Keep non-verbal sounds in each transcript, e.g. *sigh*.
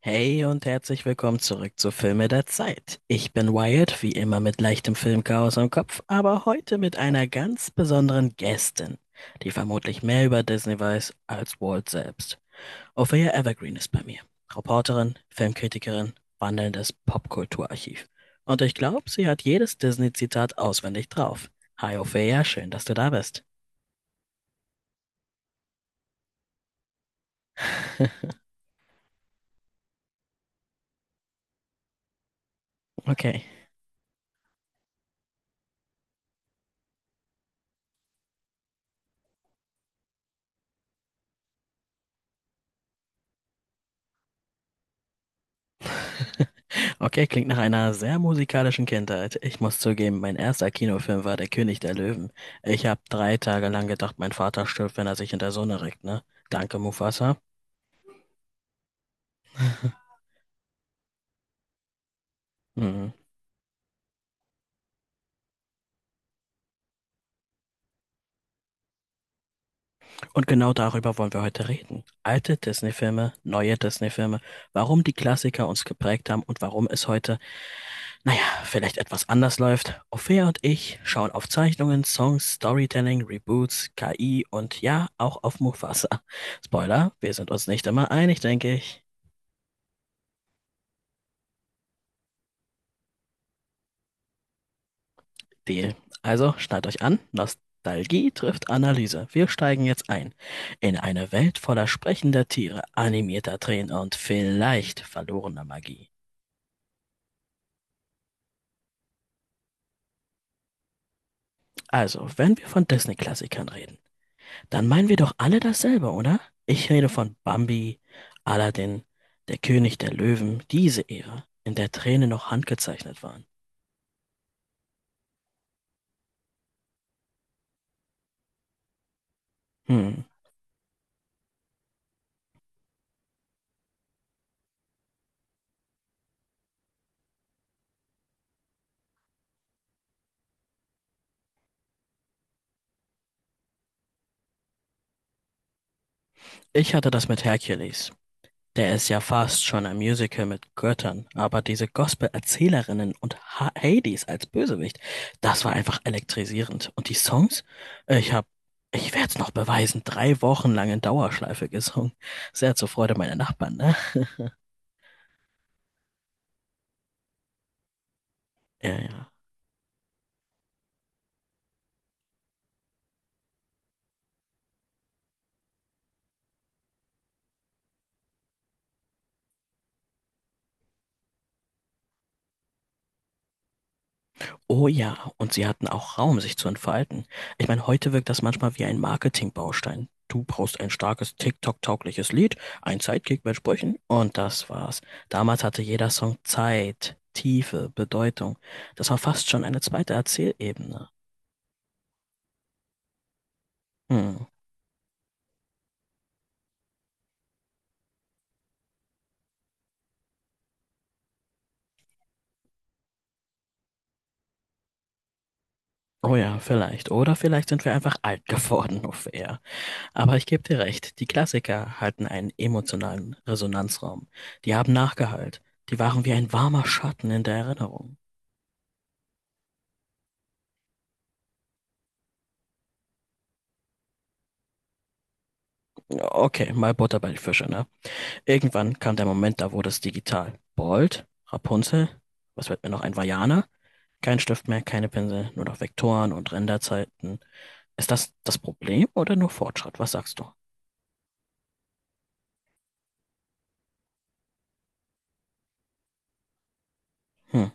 Hey und herzlich willkommen zurück zu Filme der Zeit. Ich bin Wyatt, wie immer mit leichtem Filmchaos im Kopf, aber heute mit einer ganz besonderen Gästin, die vermutlich mehr über Disney weiß als Walt selbst. Ophelia Evergreen ist bei mir. Reporterin, Filmkritikerin, wandelndes Popkulturarchiv. Und ich glaube, sie hat jedes Disney-Zitat auswendig drauf. Hi Ophelia, schön, dass du da bist. *laughs* Okay, *laughs* okay, klingt nach einer sehr musikalischen Kindheit. Ich muss zugeben, mein erster Kinofilm war Der König der Löwen. Ich habe drei Tage lang gedacht, mein Vater stirbt, wenn er sich in der Sonne regt, ne? Danke, Mufasa. Mhm. Und genau darüber wollen wir heute reden. Alte Disney-Filme, neue Disney-Filme, warum die Klassiker uns geprägt haben und warum es heute, naja, vielleicht etwas anders läuft. Ophäa und ich schauen auf Zeichnungen, Songs, Storytelling, Reboots, KI und ja, auch auf Mufasa. Spoiler, wir sind uns nicht immer einig, denke ich. Deal. Also schnallt euch an, Nostalgie trifft Analyse. Wir steigen jetzt ein in eine Welt voller sprechender Tiere, animierter Tränen und vielleicht verlorener Magie. Also, wenn wir von Disney-Klassikern reden, dann meinen wir doch alle dasselbe, oder? Ich rede von Bambi, Aladdin, Der König der Löwen, diese Ära, in der Tränen noch handgezeichnet waren. Hm, ich hatte das mit Hercules. Der ist ja fast schon ein Musical mit Göttern, aber diese Gospel-Erzählerinnen und ha Hades als Bösewicht, das war einfach elektrisierend. Und die Songs? Ich hab, ich werd's noch beweisen, drei Wochen lang in Dauerschleife gesungen. Sehr zur Freude meiner Nachbarn, ne? Ja, ja. Oh ja, und sie hatten auch Raum, sich zu entfalten. Ich meine, heute wirkt das manchmal wie ein Marketingbaustein. Du brauchst ein starkes TikTok-taugliches Lied, ein Sidekick mit Sprüchen und das war's. Damals hatte jeder Song Zeit, Tiefe, Bedeutung. Das war fast schon eine zweite Erzählebene. Hm. Oh ja, vielleicht. Oder vielleicht sind wir einfach alt geworden, *laughs* auf eher. Aber ich gebe dir recht, die Klassiker hatten einen emotionalen Resonanzraum. Die haben nachgehallt. Die waren wie ein warmer Schatten in der Erinnerung. Okay, mal Butter bei die Fische, ne? Irgendwann kam der Moment, da wurde es digital. Bold, Rapunzel, was wird mir noch ein Vajana? Kein Stift mehr, keine Pinsel, nur noch Vektoren und Renderzeiten. Ist das das Problem oder nur Fortschritt? Was sagst du? Hm.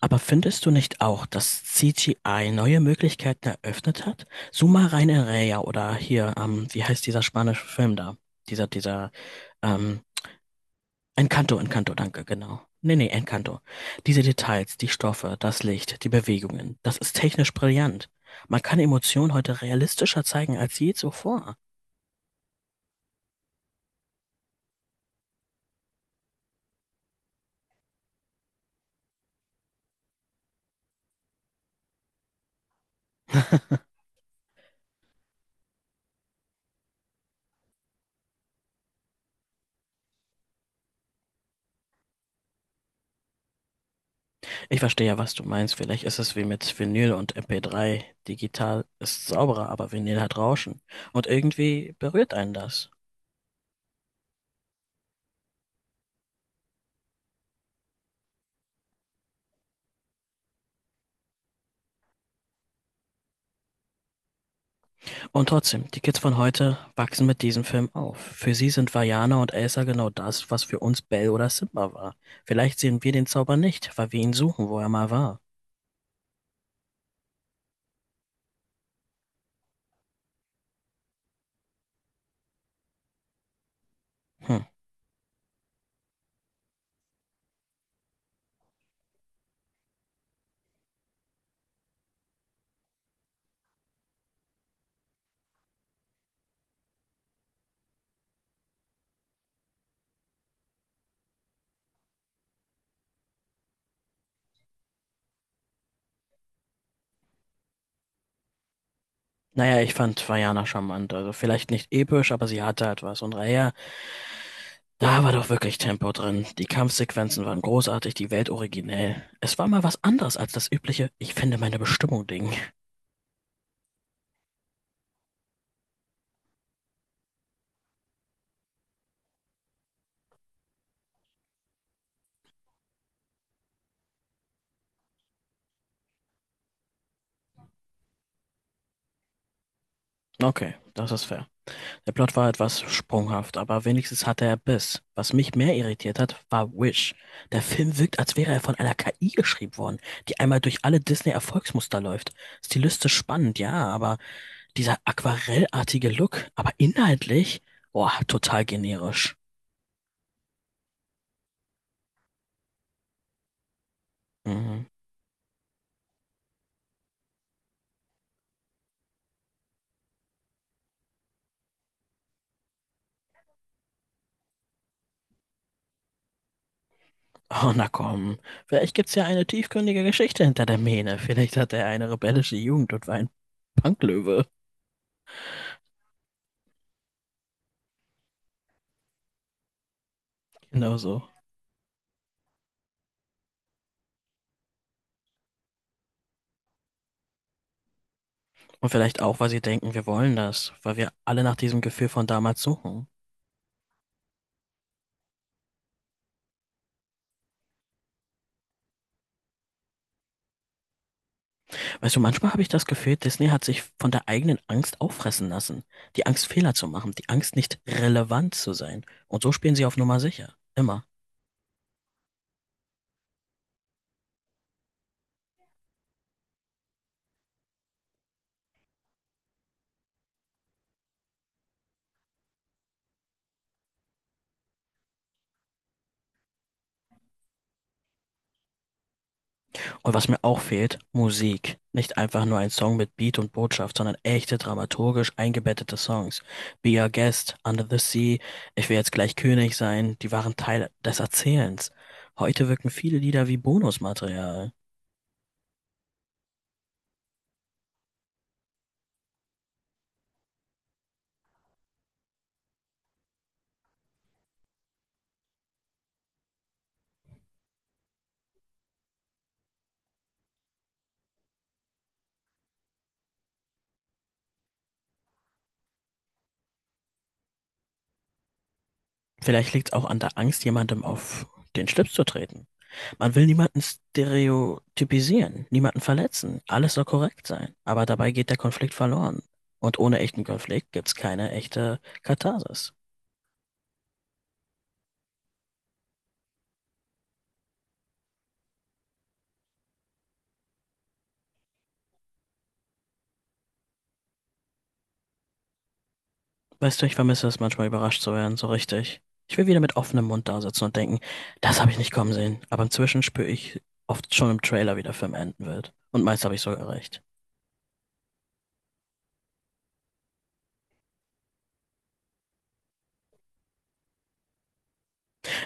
Aber findest du nicht auch, dass CGI neue Möglichkeiten eröffnet hat? Suma rein Raya oder hier, wie heißt dieser spanische Film da? Dieser, dieser, ähm, Encanto, Encanto, danke, genau. Nee, nee, Encanto. Diese Details, die Stoffe, das Licht, die Bewegungen, das ist technisch brillant. Man kann Emotionen heute realistischer zeigen als je zuvor. Ich verstehe ja, was du meinst. Vielleicht ist es wie mit Vinyl und MP3. Digital ist sauberer, aber Vinyl hat Rauschen. Und irgendwie berührt einen das. Und trotzdem, die Kids von heute wachsen mit diesem Film auf. Für sie sind Vajana und Elsa genau das, was für uns Belle oder Simba war. Vielleicht sehen wir den Zauber nicht, weil wir ihn suchen, wo er mal war. Hm. Naja, ich fand Vajana charmant. Also vielleicht nicht episch, aber sie hatte halt was. Und Raya, da war doch wirklich Tempo drin. Die Kampfsequenzen waren großartig, die Welt originell. Es war mal was anderes als das übliche Ich finde meine Bestimmung Ding. Okay, das ist fair. Der Plot war etwas sprunghaft, aber wenigstens hatte er Biss. Was mich mehr irritiert hat, war Wish. Der Film wirkt, als wäre er von einer KI geschrieben worden, die einmal durch alle Disney-Erfolgsmuster läuft. Stilistisch spannend, ja, aber dieser aquarellartige Look, aber inhaltlich, boah, total generisch. Mhm. Oh, na komm. Vielleicht gibt's ja eine tiefgründige Geschichte hinter der Mähne. Vielleicht hatte er eine rebellische Jugend und war ein Punklöwe. Genau so. Und vielleicht auch, weil sie denken, wir wollen das, weil wir alle nach diesem Gefühl von damals suchen. Weißt du, manchmal habe ich das Gefühl, Disney hat sich von der eigenen Angst auffressen lassen. Die Angst, Fehler zu machen, die Angst, nicht relevant zu sein. Und so spielen sie auf Nummer sicher. Immer. Und was mir auch fehlt, Musik. Nicht einfach nur ein Song mit Beat und Botschaft, sondern echte dramaturgisch eingebettete Songs. Be Our Guest, Under the Sea, Ich will jetzt gleich König sein, die waren Teil des Erzählens. Heute wirken viele Lieder wie Bonusmaterial. Vielleicht liegt es auch an der Angst, jemandem auf den Schlips zu treten. Man will niemanden stereotypisieren, niemanden verletzen. Alles soll korrekt sein. Aber dabei geht der Konflikt verloren. Und ohne echten Konflikt gibt's keine echte Katharsis. Weißt du, ich vermisse es manchmal überrascht zu werden, so richtig. Ich will wieder mit offenem Mund da sitzen und denken, das habe ich nicht kommen sehen. Aber inzwischen spüre ich oft schon im Trailer, wie der Film enden wird. Und meist habe ich sogar recht.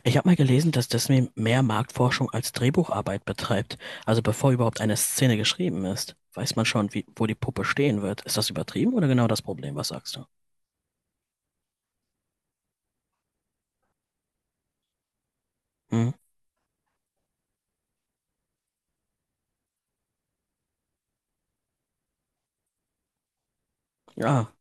Ich habe mal gelesen, dass Disney mehr Marktforschung als Drehbucharbeit betreibt. Also bevor überhaupt eine Szene geschrieben ist, weiß man schon, wie, wo die Puppe stehen wird. Ist das übertrieben oder genau das Problem? Was sagst du? Hm? Ja,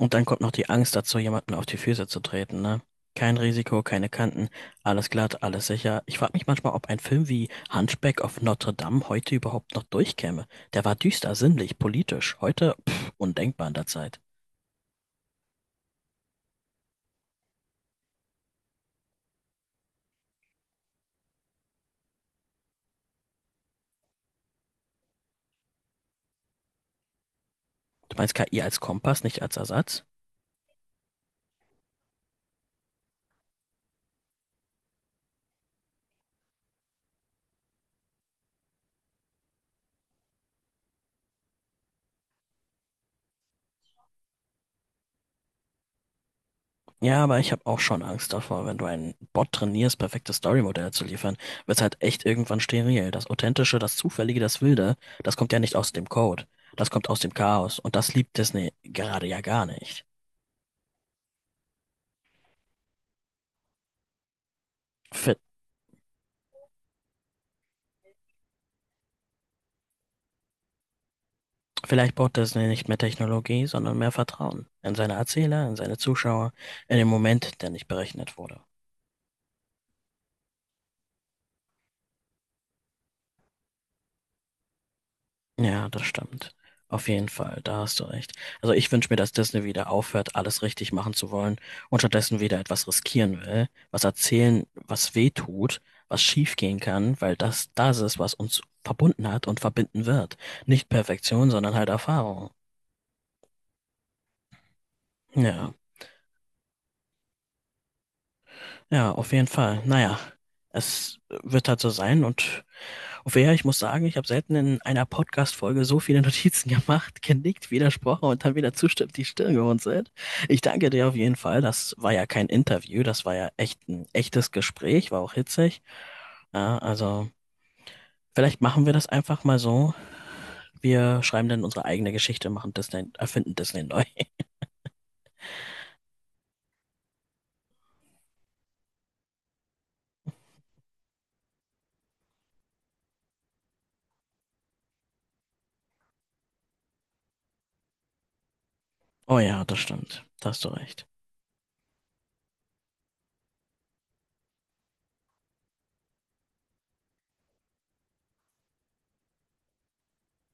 und dann kommt noch die Angst dazu, jemanden auf die Füße zu treten, ne? Kein Risiko, keine Kanten, alles glatt, alles sicher. Ich frage mich manchmal, ob ein Film wie Hunchback of Notre Dame heute überhaupt noch durchkäme. Der war düster, sinnlich, politisch. Heute, pff, undenkbar in der Zeit. Du meinst KI als Kompass, nicht als Ersatz? Ja, aber ich habe auch schon Angst davor, wenn du einen Bot trainierst, perfekte Storymodelle zu liefern, wird's halt echt irgendwann steril. Das Authentische, das Zufällige, das Wilde, das kommt ja nicht aus dem Code. Das kommt aus dem Chaos. Und das liebt Disney gerade ja gar nicht. V- Vielleicht braucht Disney nicht mehr Technologie, sondern mehr Vertrauen in seine Erzähler, in seine Zuschauer, in den Moment, der nicht berechnet wurde. Ja, das stimmt. Auf jeden Fall, da hast du recht. Also ich wünsche mir, dass Disney wieder aufhört, alles richtig machen zu wollen und stattdessen wieder etwas riskieren will, was erzählen, was weh tut, was schief gehen kann, weil das das ist, was uns verbunden hat und verbinden wird. Nicht Perfektion, sondern halt Erfahrung. Ja, ja, auf jeden Fall. Naja, es wird halt so sein und auf jeden Fall, ich muss sagen, ich habe selten in einer Podcast-Folge so viele Notizen *laughs* gemacht, genickt, widersprochen und dann wieder zustimmt, die Stirn gerunzelt. Ich danke dir auf jeden Fall. Das war ja kein Interview, das war ja echt ein echtes Gespräch, war auch hitzig. Ja, also vielleicht machen wir das einfach mal so. Wir schreiben dann unsere eigene Geschichte, machen Disney, erfinden Disney neu. *laughs* Oh ja, das stimmt. Da hast du recht.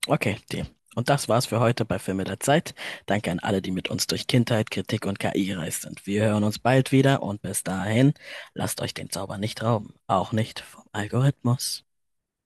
Okay, die. Und das war's für heute bei Filme der Zeit. Danke an alle, die mit uns durch Kindheit, Kritik und KI gereist sind. Wir hören uns bald wieder und bis dahin, lasst euch den Zauber nicht rauben, auch nicht vom Algorithmus.